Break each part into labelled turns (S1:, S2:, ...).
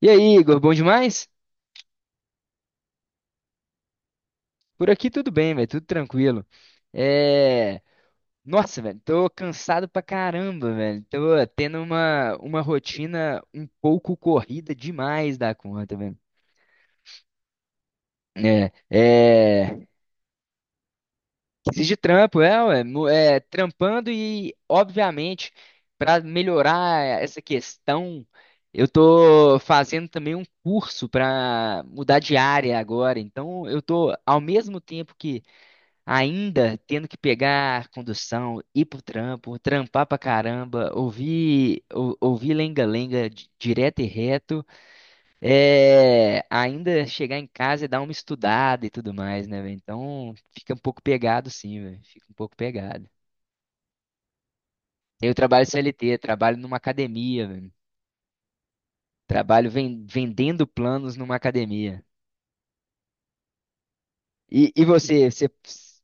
S1: E aí, Igor, bom demais? Por aqui tudo bem, velho, tudo tranquilo. É... Nossa, velho, tô cansado pra caramba, velho. Tô tendo uma rotina um pouco corrida demais da conta, velho. É, é... Exige trampo, é, ué, trampando e, obviamente, pra melhorar essa questão, eu tô fazendo também um curso pra mudar de área agora. Então, eu tô, ao mesmo tempo que ainda tendo que pegar condução, ir pro trampo, trampar pra caramba, ouvir ouvir lenga-lenga direto e reto, ainda chegar em casa e dar uma estudada e tudo mais, né, velho? Então fica um pouco pegado, sim, velho. Fica um pouco pegado. Eu trabalho CLT, trabalho numa academia, velho. Trabalho vendendo planos numa academia. E, e você, você...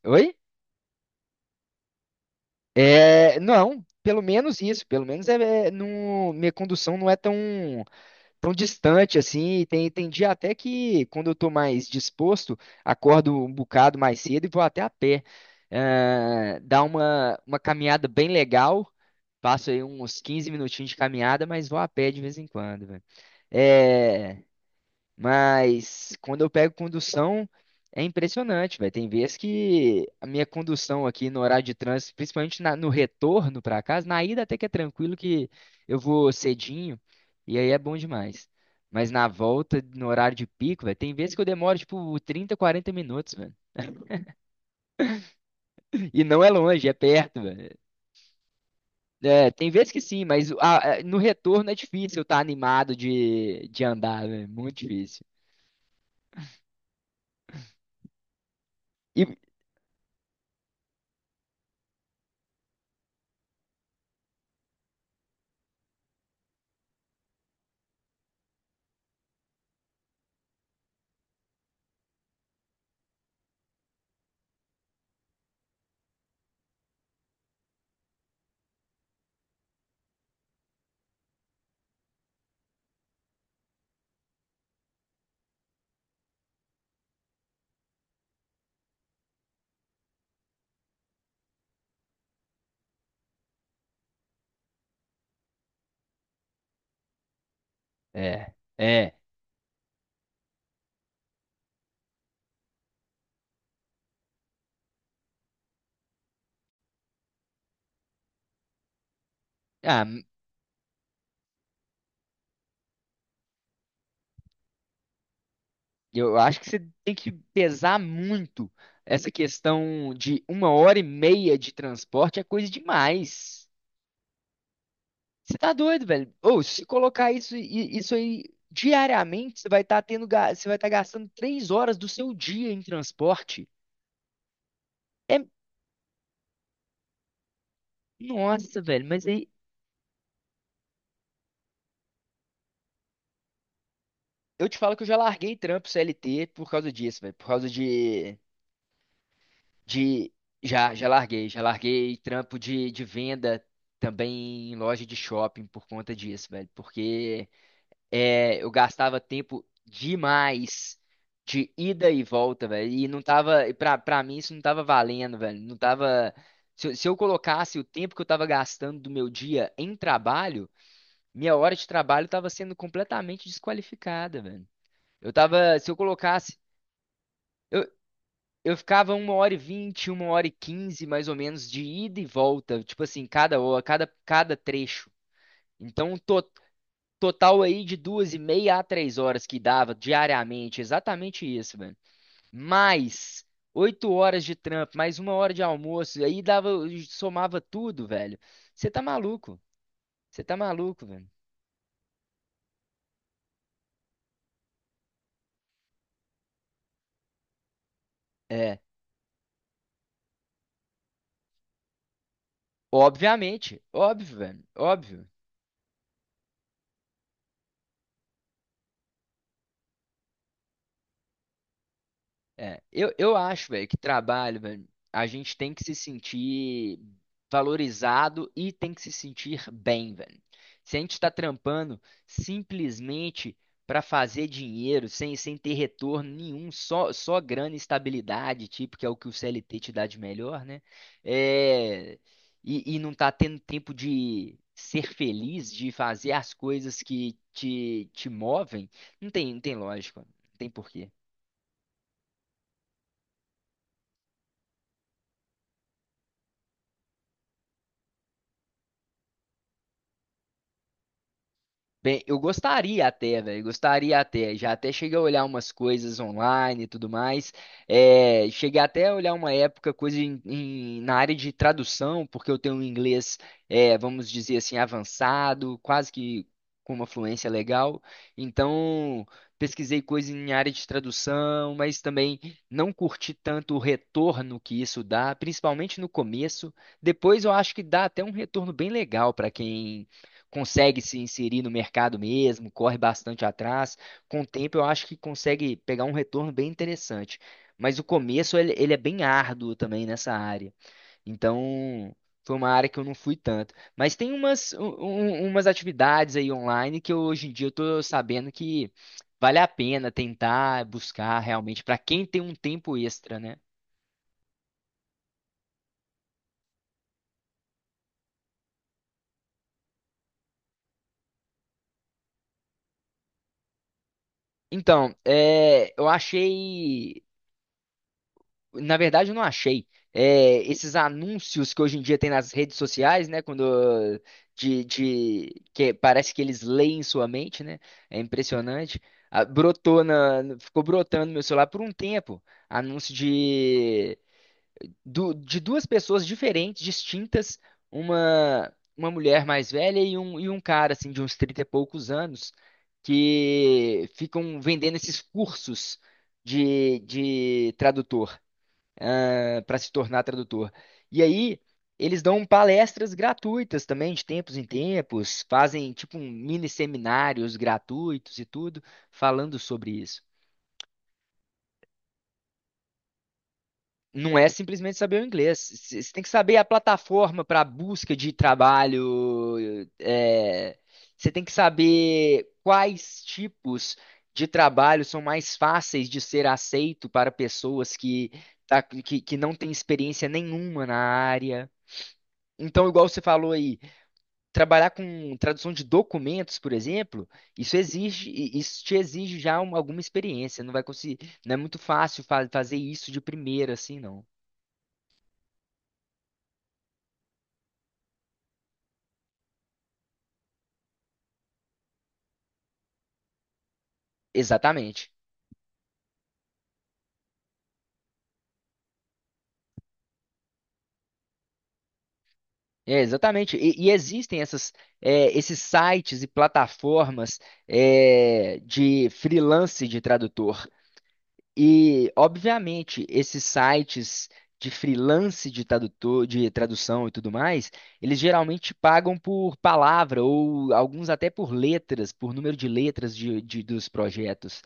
S1: Oi? É, não, pelo menos isso, pelo menos minha condução não é tão tão distante assim, e tem dia até que quando eu tô mais disposto, acordo um bocado mais cedo e vou até a pé. Ah, dá uma caminhada bem legal, passo aí uns 15 minutinhos de caminhada, mas vou a pé de vez em quando, velho. É, mas quando eu pego condução, é impressionante, velho. Tem vezes que a minha condução aqui no horário de trânsito, principalmente no retorno para casa, na ida até que é tranquilo que eu vou cedinho e aí é bom demais. Mas na volta, no horário de pico, velho, tem vezes que eu demoro tipo 30, 40 minutos, velho. E não é longe, é perto, velho. É, tem vezes que sim, mas no retorno é difícil eu estar animado de andar, velho. Muito difícil. E, é, é. Ah, Eu acho que você tem que pesar muito. Essa questão de 1 hora e meia de transporte é coisa demais. Você tá doido, velho? Ou se colocar isso, isso aí diariamente, você vai estar tendo, você vai estar gastando 3 horas do seu dia em transporte. É, nossa, velho, mas aí eu te falo que eu já larguei trampo CLT por causa disso, velho, por causa de já, já larguei trampo de venda também em loja de shopping por conta disso, velho. Porque é, eu gastava tempo demais de ida e volta, velho. E não tava, e pra mim isso não tava valendo, velho. Não tava. Se eu colocasse o tempo que eu tava gastando do meu dia em trabalho, minha hora de trabalho tava sendo completamente desqualificada, velho. Eu tava, se eu colocasse. Eu, eu ficava 1 hora e 20, 1 hora e 15, mais ou menos, de ida e volta. Tipo assim, cada hora, cada trecho. Então, total aí de 2 e meia a 3 horas que dava diariamente. Exatamente isso, velho. Mais 8 horas de trampo, mais 1 hora de almoço. E aí dava, somava tudo, velho. Você tá maluco. Você tá maluco, velho. É. Obviamente. Óbvio, velho. Óbvio. Eu acho, velho, que trabalho, velho, a gente tem que se sentir valorizado e tem que se sentir bem, velho. Se a gente está trampando simplesmente para fazer dinheiro, sem ter retorno nenhum, só grana e estabilidade, tipo, que é o que o CLT te dá de melhor, né? É, e não tá tendo tempo de ser feliz, de fazer as coisas que te movem, não tem lógica, não tem porquê. Bem, eu gostaria até, velho, gostaria até. Já até cheguei a olhar umas coisas online e tudo mais. É, cheguei até a olhar uma época coisa na área de tradução, porque eu tenho um inglês, é, vamos dizer assim, avançado, quase que com uma fluência legal. Então, pesquisei coisa em área de tradução, mas também não curti tanto o retorno que isso dá, principalmente no começo. Depois eu acho que dá até um retorno bem legal para quem consegue se inserir no mercado mesmo, corre bastante atrás. Com o tempo, eu acho que consegue pegar um retorno bem interessante. Mas o começo, ele é bem árduo também nessa área. Então, foi uma área que eu não fui tanto. Mas tem umas atividades aí online que eu, hoje em dia eu tô sabendo que vale a pena tentar buscar realmente para quem tem um tempo extra, né? Então, é, eu achei Na verdade, eu não achei. É, esses anúncios que hoje em dia tem nas redes sociais, né? Quando que parece que eles leem sua mente, né? É impressionante. Ficou brotando no meu celular por um tempo. Anúncio de, de duas pessoas diferentes, distintas, uma uma mulher mais velha e um cara assim de uns 30 e poucos anos que ficam vendendo esses cursos de tradutor para se tornar tradutor. E aí, eles dão palestras gratuitas também, de tempos em tempos, fazem tipo um mini seminários gratuitos e tudo, falando sobre isso. Não é simplesmente saber o inglês. Você tem que saber a plataforma para busca de trabalho. é, Você tem que saber quais tipos de trabalho são mais fáceis de ser aceito para pessoas que não têm experiência nenhuma na área. Então, igual você falou aí, trabalhar com tradução de documentos, por exemplo, isso te exige já alguma experiência. Não vai conseguir, não é muito fácil fazer isso de primeira, assim, não. Exatamente. É, exatamente. E existem esses sites e plataformas, é, de freelance de tradutor. E, obviamente, esses sites de freelance de tradutor, de tradução e tudo mais, eles geralmente pagam por palavra ou alguns até por letras, por número de letras dos projetos.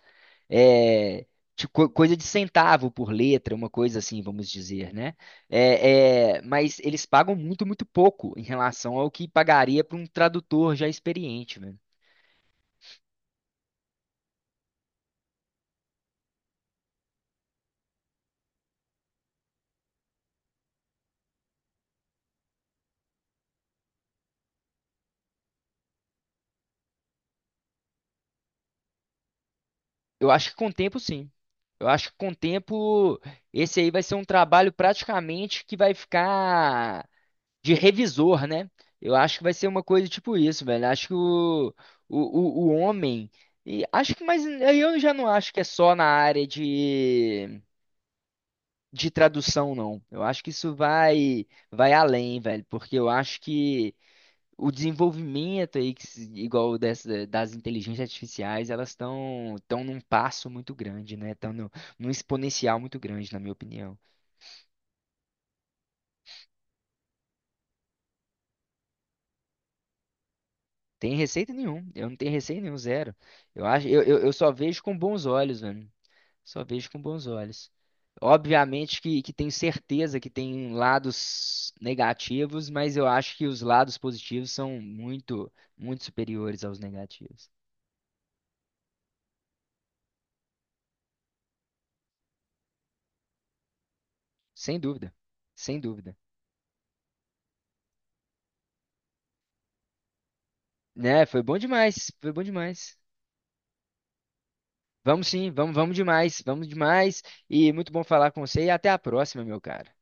S1: É, tipo, coisa de centavo por letra, uma coisa assim, vamos dizer, né? Mas eles pagam muito, muito pouco em relação ao que pagaria para um tradutor já experiente. Eu acho que com o tempo, sim. Eu acho que com o tempo, esse aí vai ser um trabalho praticamente que vai ficar de revisor, né? Eu acho que vai ser uma coisa tipo isso, velho. Acho que o homem. E acho que, mas eu já não acho que é só na área de tradução, não. Eu acho que isso vai, vai além, velho, porque eu acho que o desenvolvimento aí, que se- igual dessa, das inteligências artificiais, elas estão estão num passo muito grande, né? Estão no, num exponencial muito grande, na minha opinião. Tem receita nenhum. Eu não tenho receita nenhum, zero. Eu acho, eu só vejo com bons olhos, mano. Só vejo com bons olhos. Obviamente que tenho certeza que tem lados negativos, mas eu acho que os lados positivos são muito, muito superiores aos negativos. Sem dúvida. Sem dúvida. Né, foi bom demais, foi bom demais. Vamos, vamos demais, vamos demais. E muito bom falar com você e até a próxima, meu cara.